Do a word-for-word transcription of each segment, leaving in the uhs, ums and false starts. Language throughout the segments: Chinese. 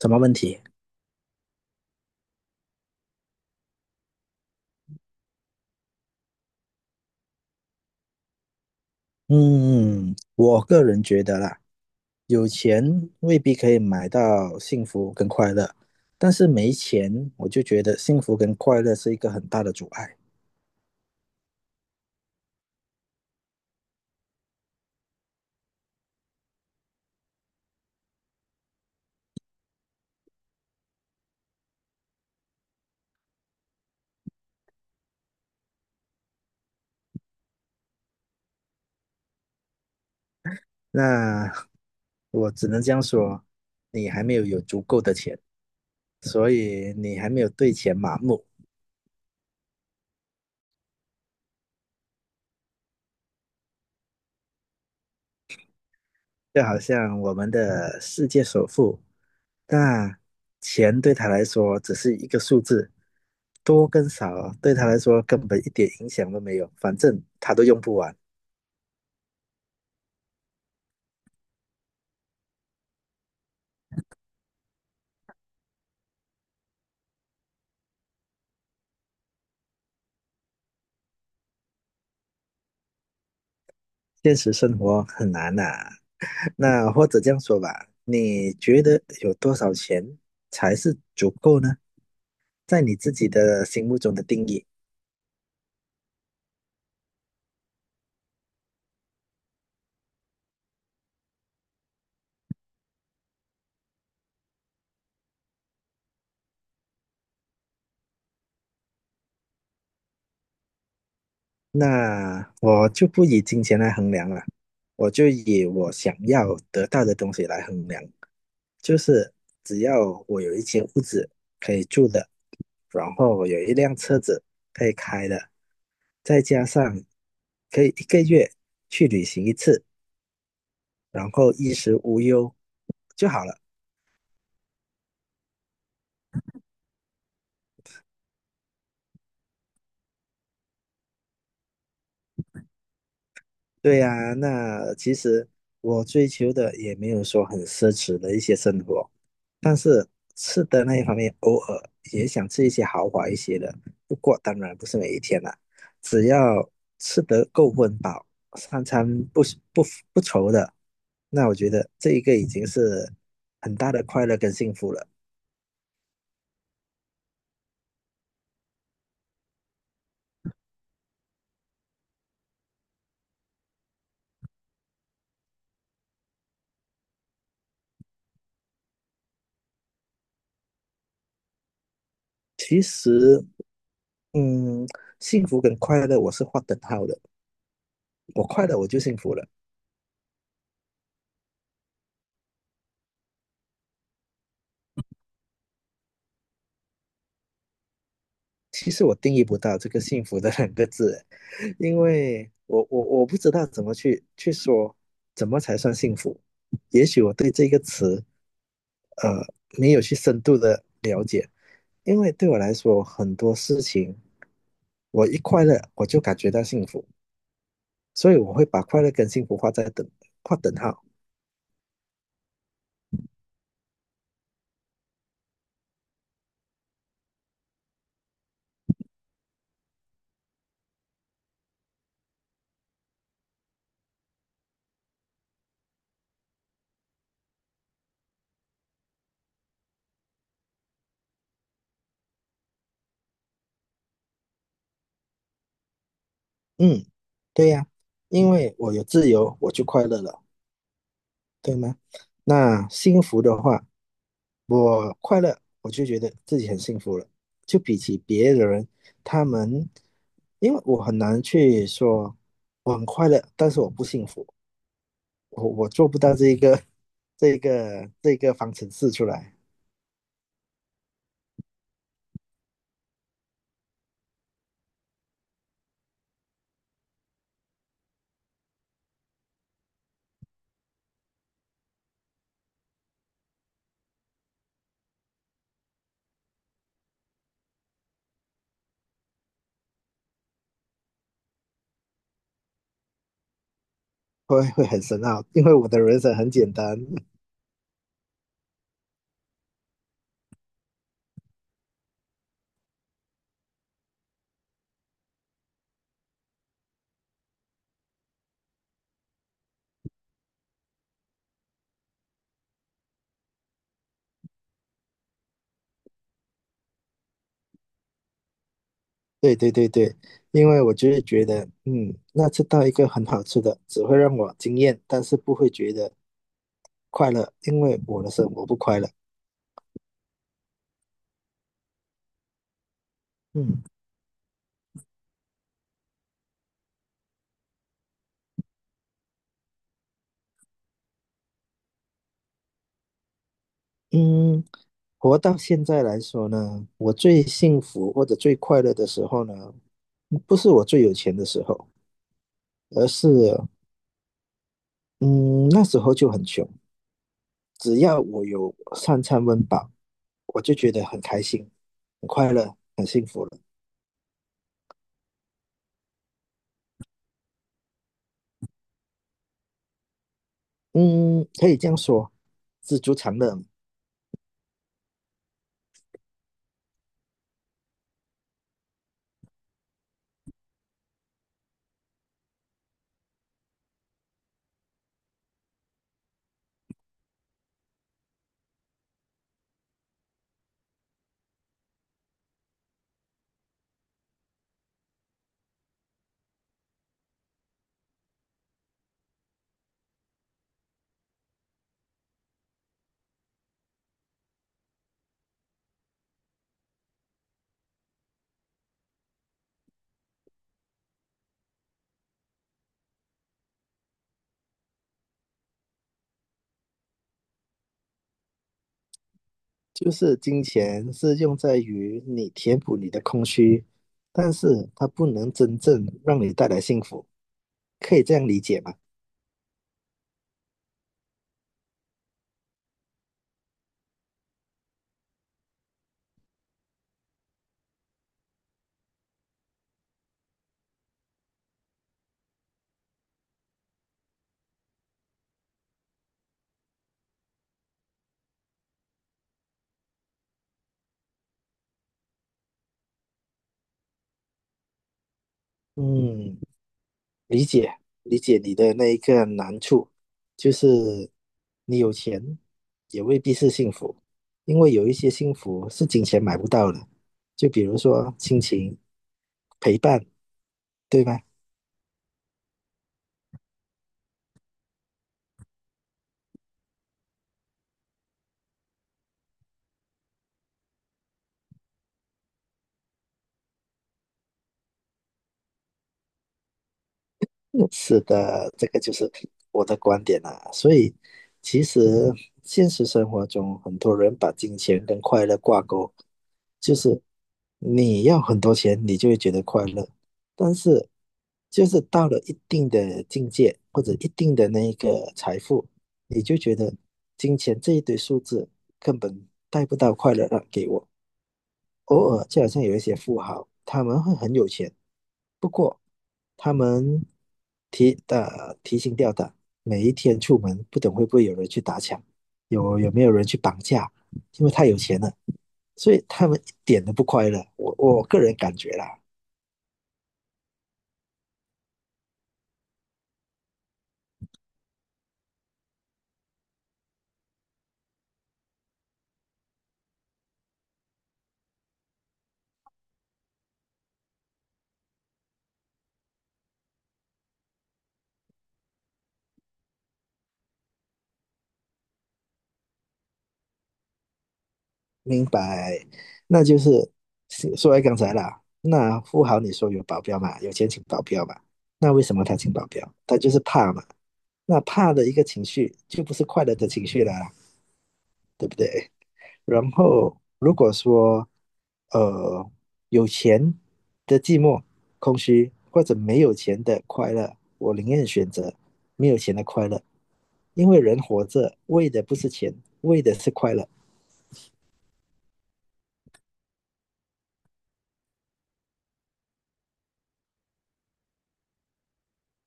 什么问题？嗯，嗯嗯我个人觉得啦，有钱未必可以买到幸福跟快乐，但是没钱，我就觉得幸福跟快乐是一个很大的阻碍。那我只能这样说，你还没有有足够的钱，所以你还没有对钱麻木。就好像我们的世界首富，那钱对他来说只是一个数字，多跟少对他来说根本一点影响都没有，反正他都用不完。现实生活很难呐、那或者这样说吧，你觉得有多少钱才是足够呢？在你自己的心目中的定义。那我就不以金钱来衡量了，我就以我想要得到的东西来衡量，就是只要我有一间屋子可以住的，然后我有一辆车子可以开的，再加上可以一个月去旅行一次，然后衣食无忧就好了。对呀，那其实我追求的也没有说很奢侈的一些生活，但是吃的那一方面，偶尔也想吃一些豪华一些的。不过当然不是每一天啦，只要吃得够温饱，三餐不是不不愁的，那我觉得这一个已经是很大的快乐跟幸福了。其实，嗯，幸福跟快乐我是画等号的，我快乐我就幸福了。其实我定义不到这个幸福的两个字，因为我我我不知道怎么去去说，怎么才算幸福？也许我对这个词，呃，没有去深度的了解，因为对我来说，很多事情我一快乐我就感觉到幸福，所以我会把快乐跟幸福画在等画等号。嗯，对呀，因为我有自由，我就快乐了，对吗？那幸福的话，我快乐，我就觉得自己很幸福了。就比起别的人，他们，因为我很难去说我很快乐，但是我不幸福，我我做不到这一个 这一个这一个方程式出来，会会很深奥，因为我的人生很简单。对对对对，因为我就是觉得，嗯，那吃到一个很好吃的，只会让我惊艳，但是不会觉得快乐，因为我的生活不快乐。嗯嗯。活到现在来说呢，我最幸福或者最快乐的时候呢，不是我最有钱的时候，而是嗯那时候就很穷，只要我有三餐温饱，我就觉得很开心、很快乐、很幸福了。嗯，可以这样说，知足常乐嘛，就是金钱是用在于你填补你的空虚，但是它不能真正让你带来幸福，可以这样理解吗？嗯。理解理解你的那一个难处，就是你有钱也未必是幸福，因为有一些幸福是金钱买不到的，就比如说亲情、陪伴，对吧？是的，这个就是我的观点啦、所以，其实现实生活中，很多人把金钱跟快乐挂钩，就是你要很多钱，你就会觉得快乐。但是，就是到了一定的境界或者一定的那一个财富，你就觉得金钱这一堆数字根本带不到快乐了给我。偶尔就好像有一些富豪，他们会很有钱，不过他们提的提心吊胆，每一天出门不懂会不会有人去打抢，有有没有人去绑架，因为太有钱了，所以他们一点都不快乐。我我个人感觉啦，明白，那就是是说来刚才啦，那富豪你说有保镖嘛，有钱请保镖嘛，那为什么他请保镖？他就是怕嘛，那怕的一个情绪就不是快乐的情绪了啦，对不对？然后如果说呃有钱的寂寞、空虚，或者没有钱的快乐，我宁愿选择没有钱的快乐，因为人活着为的不是钱，为的是快乐。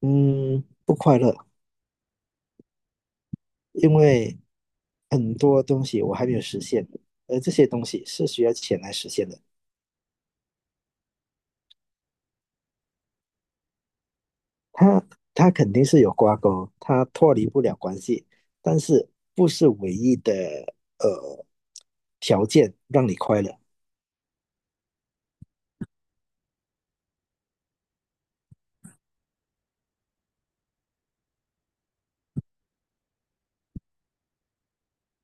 嗯，不快乐，因为很多东西我还没有实现，而这些东西是需要钱来实现的。他他肯定是有挂钩，他脱离不了关系，但是不是唯一的呃条件让你快乐。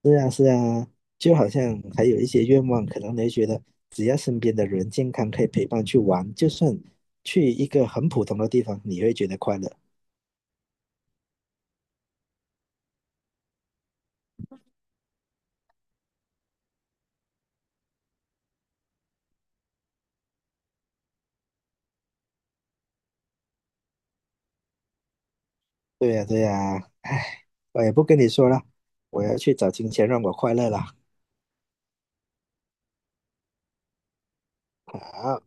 是啊，是啊，就好像还有一些愿望，可能你会觉得只要身边的人健康，可以陪伴去玩，就算去一个很普通的地方，你会觉得快乐。对呀，对呀，唉，我也不跟你说了，我要去找金钱让我快乐了。好。